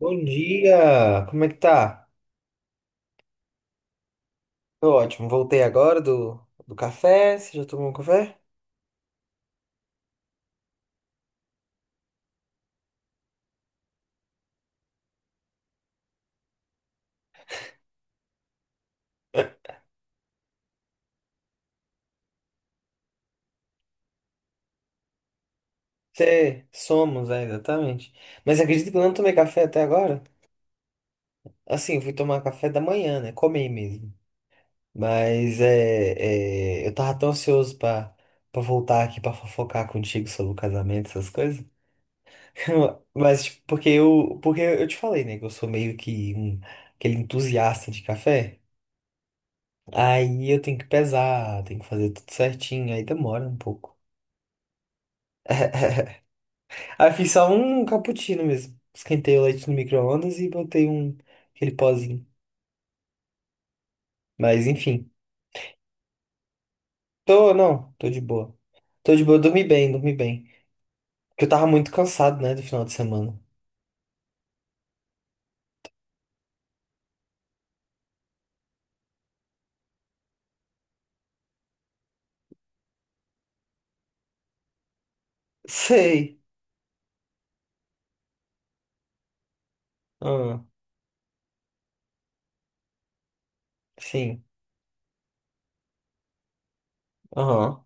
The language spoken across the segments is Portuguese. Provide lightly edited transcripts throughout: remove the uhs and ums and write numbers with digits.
Bom dia! Como é que tá? Tô ótimo. Voltei agora do café. Você já tomou um café? Você, somos, é, exatamente. Mas acredito que eu não tomei café até agora. Assim, eu fui tomar café da manhã, né? Comi mesmo. Mas eu tava tão ansioso pra voltar aqui pra fofocar contigo sobre o casamento, essas coisas. Mas, tipo, porque eu te falei, né? Que eu sou meio que um, aquele entusiasta de café. Aí eu tenho que pesar, tenho que fazer tudo certinho, aí demora um pouco. Aí eu fiz só um cappuccino mesmo. Esquentei o leite no micro-ondas e botei um, aquele pozinho. Mas enfim, tô, não, tô de boa. Tô de boa, dormi bem, dormi bem. Porque eu tava muito cansado, né, do final de semana. Sei. Ah, sim. Aham,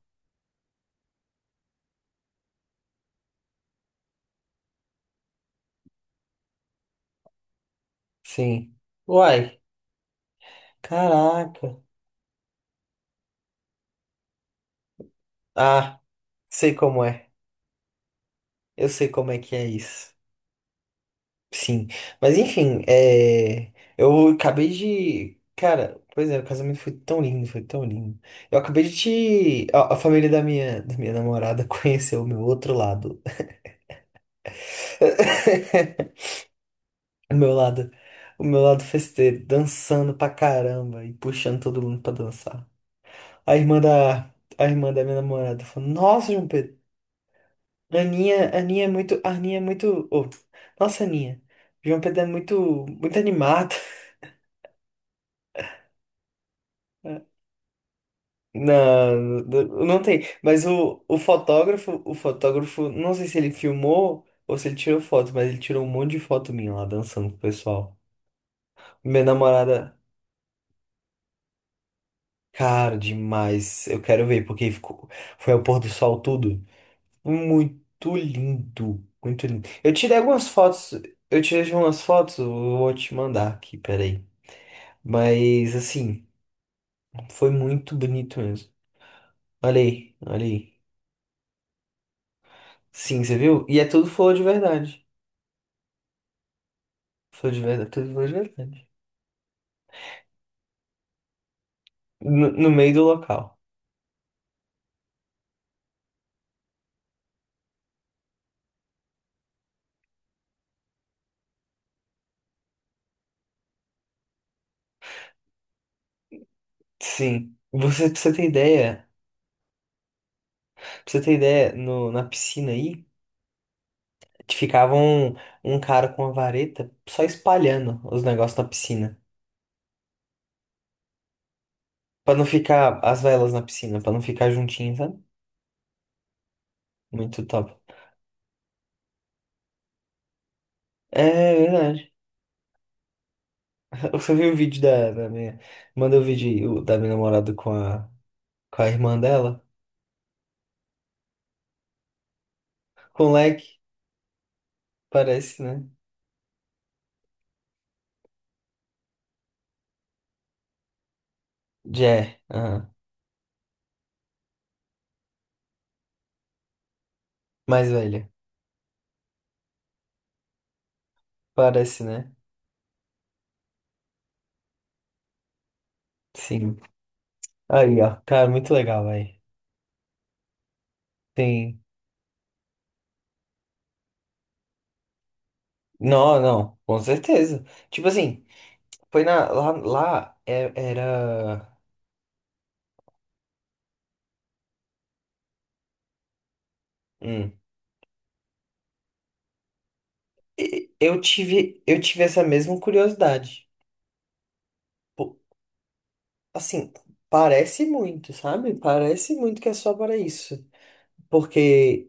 sim. Uai, caraca. Ah, sei como é. Eu sei como é que é isso. Sim, mas enfim, eu acabei de. Cara, pois é, o casamento foi tão lindo, foi tão lindo. Eu acabei de te. A família da minha namorada conheceu o meu outro lado. O meu lado. O meu lado festeiro, dançando pra caramba e puxando todo mundo pra dançar. A irmã da. A irmã da minha namorada falou: Nossa, João Pedro, a Aninha é muito. A Aninha é muito. Ô, nossa, Aninha. João Pedro é muito, muito animado. Não, não tem. Mas o fotógrafo, o fotógrafo, não sei se ele filmou ou se ele tirou foto, mas ele tirou um monte de foto minha lá dançando com o pessoal. Minha namorada, cara, demais. Eu quero ver, porque ficou, foi ao pôr do sol tudo. Muito lindo, muito lindo. Eu tirei algumas fotos, eu tirei umas fotos, eu vou te mandar aqui, peraí. Mas assim, foi muito bonito mesmo. Olha aí, olha aí. Sim, você viu? E é tudo flor de verdade. Sou de verdade, tudo foi de verdade. No meio do local. Sim. Você, pra você ter ideia, no, na piscina aí, ficava um cara com uma vareta só espalhando os negócios na piscina. Pra não ficar as velas na piscina, pra não ficar juntinho, sabe? Muito top. É verdade. Você viu o vídeo da minha. Manda o vídeo aí, da minha namorada com a irmã dela. Com o leque, parece, né? Jé, aham. Mais velha. Parece, né? Sim. Aí, ó, cara, muito legal, velho. Tem. Não, não, com certeza. Tipo assim, foi na. Lá era. hum, eu tive essa mesma curiosidade. Pô, assim, parece muito, sabe? Parece muito que é só para isso. Porque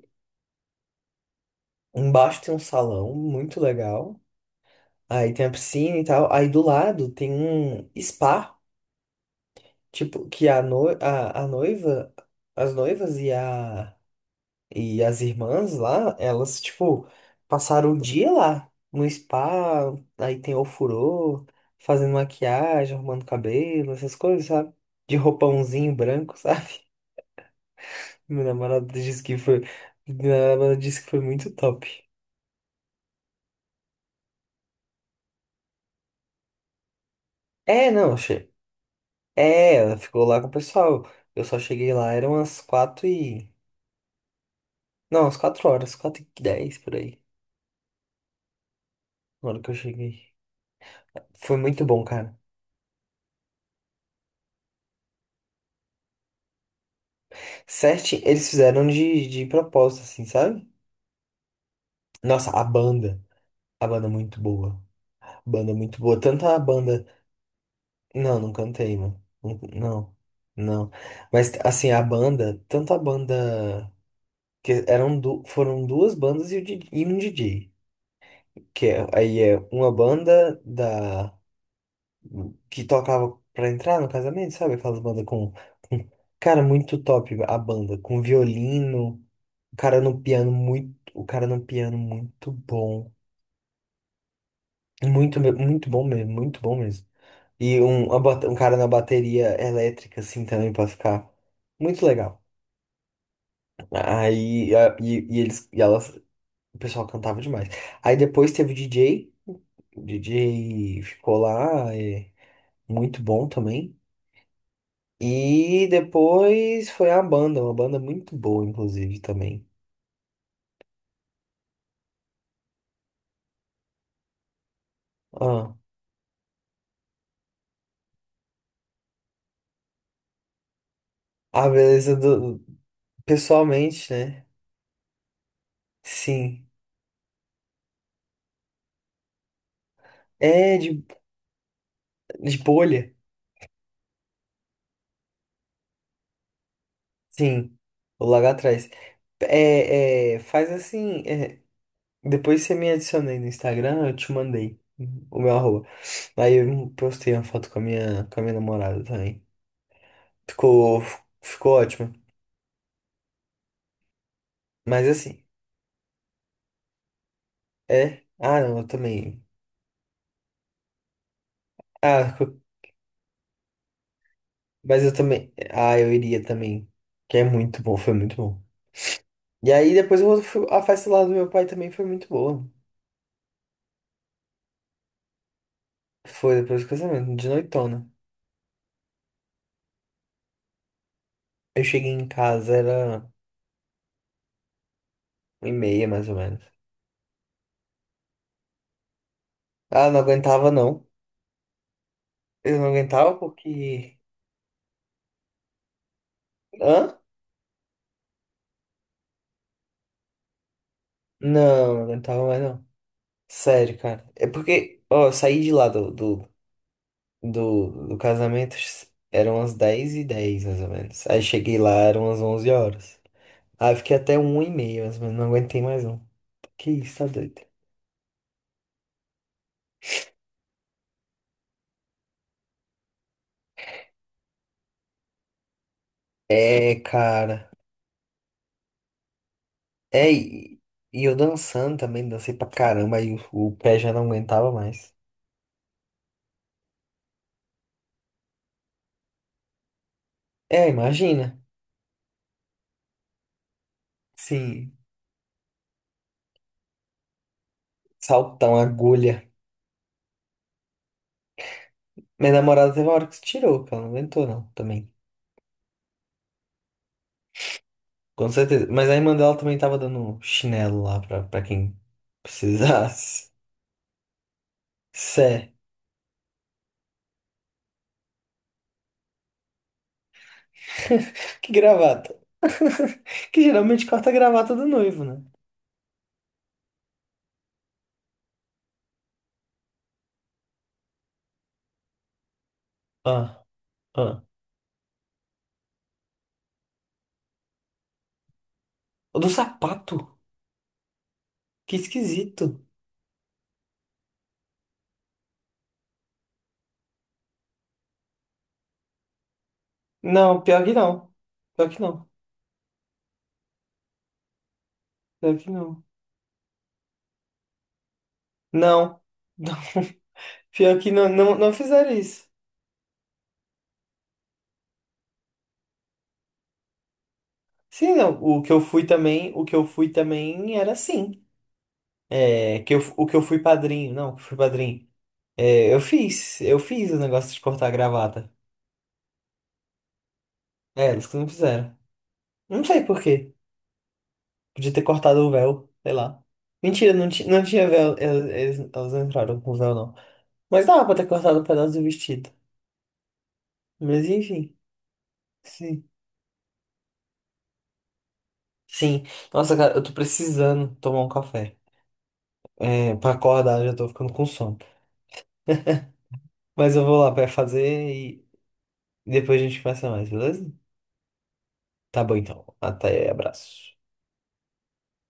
embaixo tem um salão muito legal. Aí tem a piscina e tal. Aí do lado tem um spa. Tipo, que a, no, a noiva, as noivas e as irmãs lá, elas, tipo, passaram o dia lá, no spa, aí tem ofurô, fazendo maquiagem, arrumando cabelo, essas coisas, sabe? De roupãozinho branco, sabe? Meu namorado disse que foi. Meu namorado disse que foi muito top. É, não, achei. É, ela ficou lá com o pessoal. Eu só cheguei lá, eram umas quatro e. Não, umas 4 horas, 4h10 por aí, na hora que eu cheguei. Foi muito bom, cara. Certo, eles fizeram de propósito, assim, sabe? Nossa, a banda. A banda é muito boa. Banda é muito boa. Tanto a banda. Não, não cantei, mano. Não, não. não. Mas, assim, a banda. Tanto a banda. Foram duas bandas e, o DJ e um DJ. Que aí é uma banda da. Que tocava pra entrar no casamento, sabe? Aquelas bandas com. com- Cara, muito top a banda. Com violino. O cara no piano muito. O cara no piano muito bom. Muito, muito bom mesmo, muito bom mesmo. E um cara na bateria elétrica, assim, também, pra ficar muito legal. Aí, e eles, e elas, o pessoal cantava demais. Aí depois teve o DJ, ficou lá, é, muito bom também. E depois foi a banda, uma banda muito boa, inclusive, também. Ah, a beleza do, pessoalmente, né? Sim. É, de bolha. Sim. O lá atrás. É, faz assim. Depois você me adicionei no Instagram, eu te mandei o meu arroba. Aí eu postei uma foto com a minha namorada também. Ficou, ficou ótimo. Mas assim. Ah, não, eu também. Ah, mas eu também. Ah, eu iria também. Que é muito bom, foi muito bom. E aí depois a festa lá do meu pai também foi muito boa. Foi depois do casamento, de noitona. Eu cheguei em casa, era 1h30 mais ou menos. Ah, não aguentava não. Eu não aguentava porque. Hã? Não, eu não aguentava mais não. Sério, cara. É porque, ó, eu saí de lá do casamento, eram umas 10h10 mais ou menos. Aí cheguei lá, eram umas 11 horas. Aí eu fiquei até 1 e meia, mas não aguentei mais não. Que isso, tá doido? É, cara. É, e eu dançando também, dancei pra caramba, aí o pé já não aguentava mais. É, imagina. Sim, saltão, agulha. Minha namorada teve uma hora que se tirou, que ela não aguentou não, também. Com certeza. Mas a irmã dela também tava dando chinelo lá pra quem precisasse. Sé. Que gravata. Que geralmente corta a gravata do noivo, né? Ah, ah. O do sapato? Que esquisito. Não, pior que não. Pior que não. Pior que não. Não. Pior que não, não, não fizeram isso. Sim, não. O que eu fui também, o que eu fui também era assim. É, que eu, o que eu fui padrinho. Não, que eu fui padrinho. É, eu fiz o negócio de cortar a gravata. É, eles que não fizeram. Não sei por quê. Podia ter cortado o véu, sei lá. Mentira, não, não tinha véu. Elas não entraram com véu, não. Mas dava pra ter cortado um pedaço do vestido. Mas enfim, sim. Sim. Nossa, cara, eu tô precisando tomar um café. É, pra acordar, eu já tô ficando com sono. Mas eu vou lá pra fazer e depois a gente conversa mais, beleza? Tá bom então. Até, abraço.